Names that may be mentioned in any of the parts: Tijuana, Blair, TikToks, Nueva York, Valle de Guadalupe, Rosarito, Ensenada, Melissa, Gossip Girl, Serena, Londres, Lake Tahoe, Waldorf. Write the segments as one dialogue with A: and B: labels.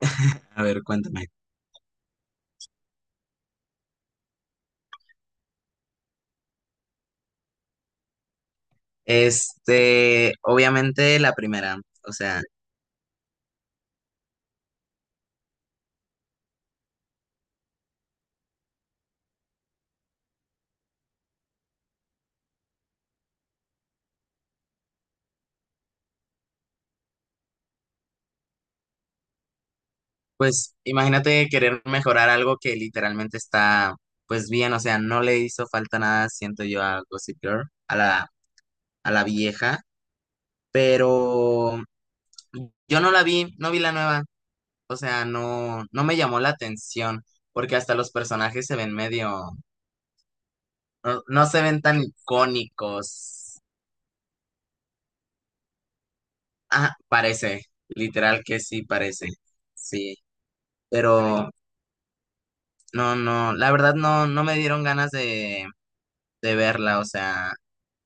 A: A ver, cuéntame. Obviamente la primera, o sea, pues imagínate querer mejorar algo que literalmente pues bien, o sea, no le hizo falta nada, siento yo, a Gossip Girl, a la, a la vieja, pero yo no la vi, no vi la nueva, o sea, no me llamó la atención, porque hasta los personajes se ven no se ven tan icónicos. Ah, literal que sí parece, sí, pero... no, la verdad no me dieron ganas de verla, o sea,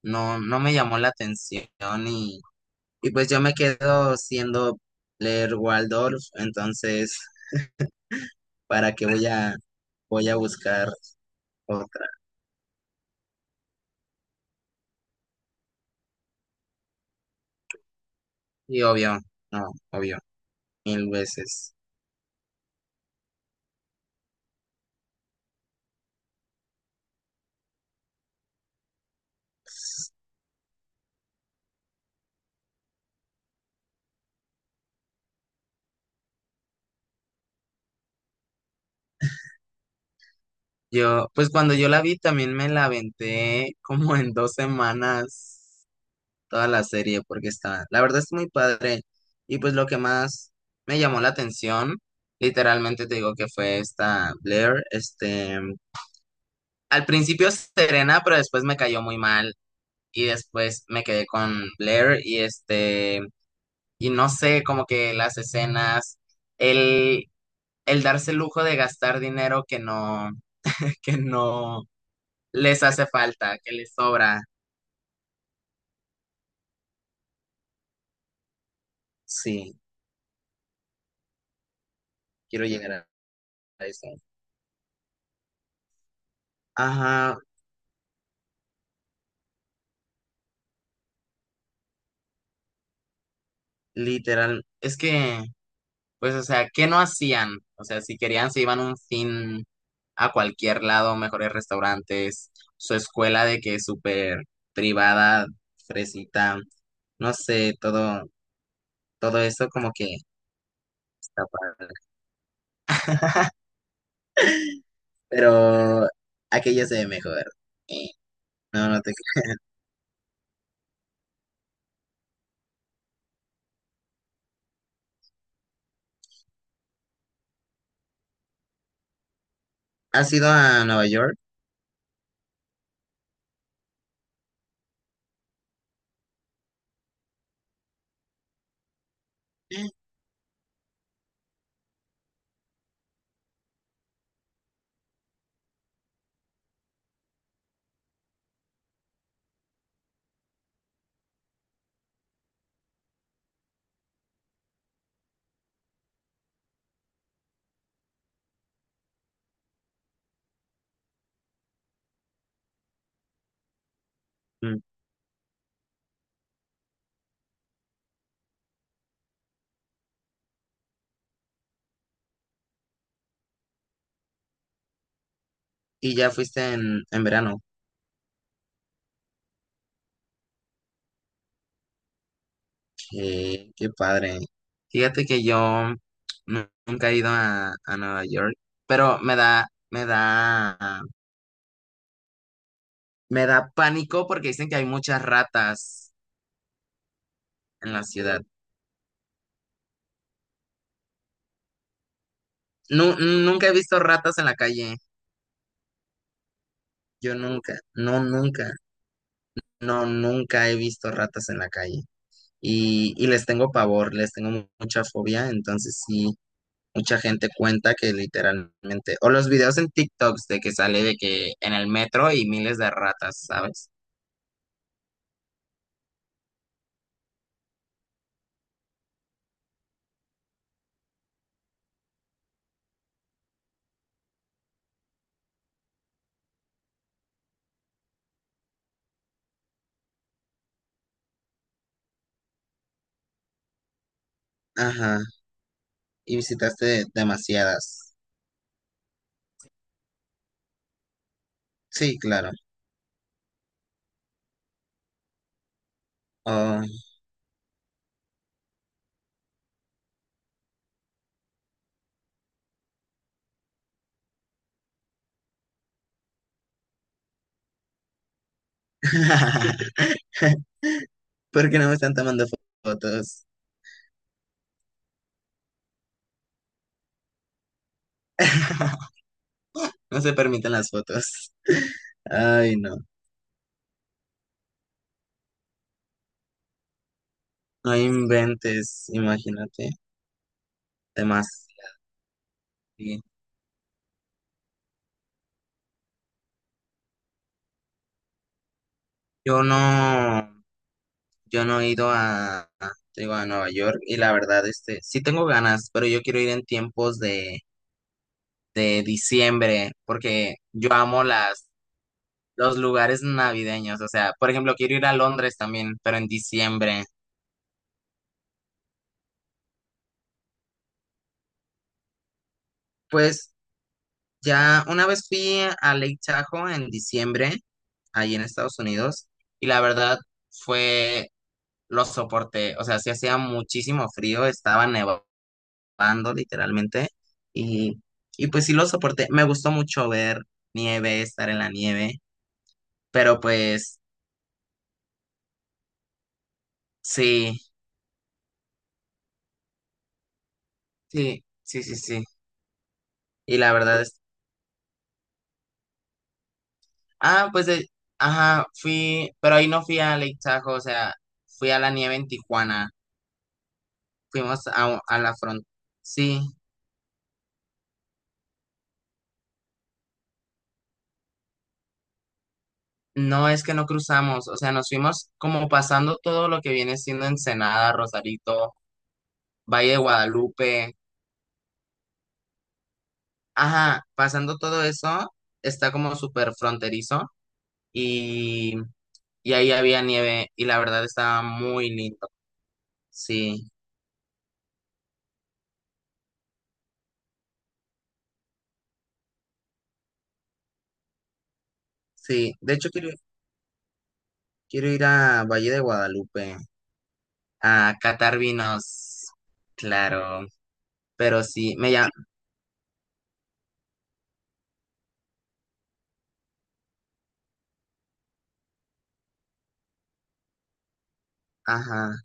A: no me llamó la atención y, y pues yo me quedo siendo leer Waldorf, entonces, ¿para qué voy a, ¿voy a buscar otra? Y obvio, no, obvio, mil veces. Pues cuando yo la vi también me la aventé como en 2 semanas toda la serie porque la verdad es muy padre. Y pues lo que más me llamó la atención, literalmente te digo que fue esta Blair, al principio Serena, pero después me cayó muy mal y después me quedé con Blair y no sé, como que las escenas, el, el darse el lujo de gastar dinero que no que no les hace falta, que les sobra. Sí, quiero llegar a eso. Ajá, literal, pues, o sea, ¿qué no hacían? O sea, si querían, se iban un fin a cualquier lado, mejores restaurantes, su escuela de que es súper privada, fresita, no sé, todo, todo eso como que está padre. Pero aquella se ve mejor. No, no te... creo. ¿Has ido a Nueva York? Mm. Y ya fuiste en verano. Qué, qué padre. Fíjate que yo nunca he ido a Nueva York, pero me da pánico porque dicen que hay muchas ratas en la ciudad. Nunca he visto ratas en la calle. Yo nunca, no, nunca, no, nunca he visto ratas en la calle. Y les tengo pavor, les tengo mucha fobia, entonces sí, mucha gente cuenta que literalmente, o los videos en TikToks de que sale de que en el metro y miles de ratas, ¿sabes? Ajá, y visitaste demasiadas. Sí, claro. Oh. ¿Por qué no me están tomando fotos? No se permiten las fotos. Ay, no. No inventes, imagínate. Demasiado. Sí. Yo no, yo no he ido te digo, a Nueva York y la verdad, este, sí tengo ganas, pero yo quiero ir en tiempos de diciembre porque yo amo las los lugares navideños. O sea, por ejemplo, quiero ir a Londres también, pero en diciembre. Pues ya una vez fui a Lake Tahoe en diciembre, ahí en Estados Unidos, y la verdad fue, lo soporté. O sea, sí hacía muchísimo frío, estaba nevando literalmente, y, y pues sí lo soporté. Me gustó mucho ver nieve, estar en la nieve, pero pues sí, sí. Y la verdad ah, ajá, fui, pero ahí no fui a Lake Tahoe, o sea, fui a la nieve en Tijuana, fuimos a la frontera. Sí, no es que no cruzamos, o sea, nos fuimos como pasando todo lo que viene siendo Ensenada, Rosarito, Valle de Guadalupe, ajá, pasando todo eso, está como súper fronterizo y, y ahí había nieve y la verdad estaba muy lindo. Sí, sí, de hecho quiero ir a Valle de Guadalupe a catar vinos, claro, pero sí, me llama, ajá,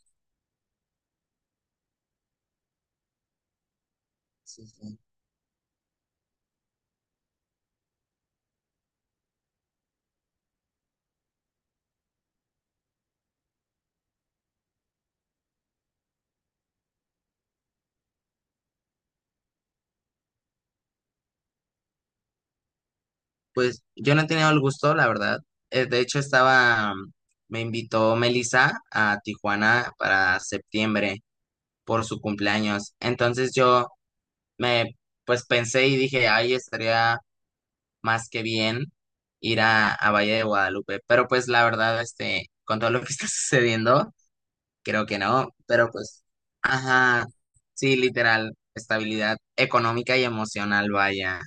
A: sí, sí. Pues yo no he tenido el gusto, la verdad. De hecho, me invitó Melissa a Tijuana para septiembre por su cumpleaños. Entonces me, pues pensé y dije, ay, estaría más que bien ir a Valle de Guadalupe. Pero pues la verdad, este, con todo lo que está sucediendo, creo que no, pero pues, ajá, sí, literal, estabilidad económica y emocional, vaya.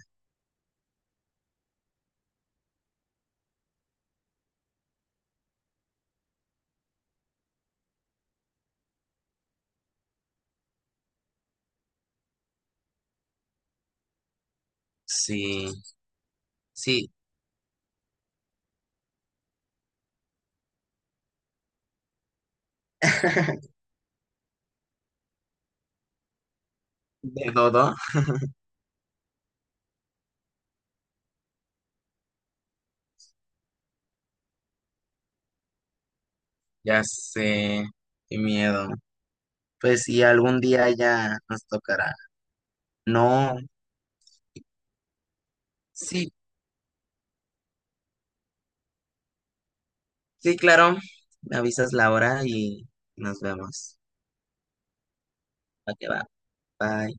A: Sí, sí, de todo, ya sé, qué miedo. Pues sí, algún día ya nos tocará. No, sí, sí, claro, me avisas la hora y nos vemos. Ok, va, bye.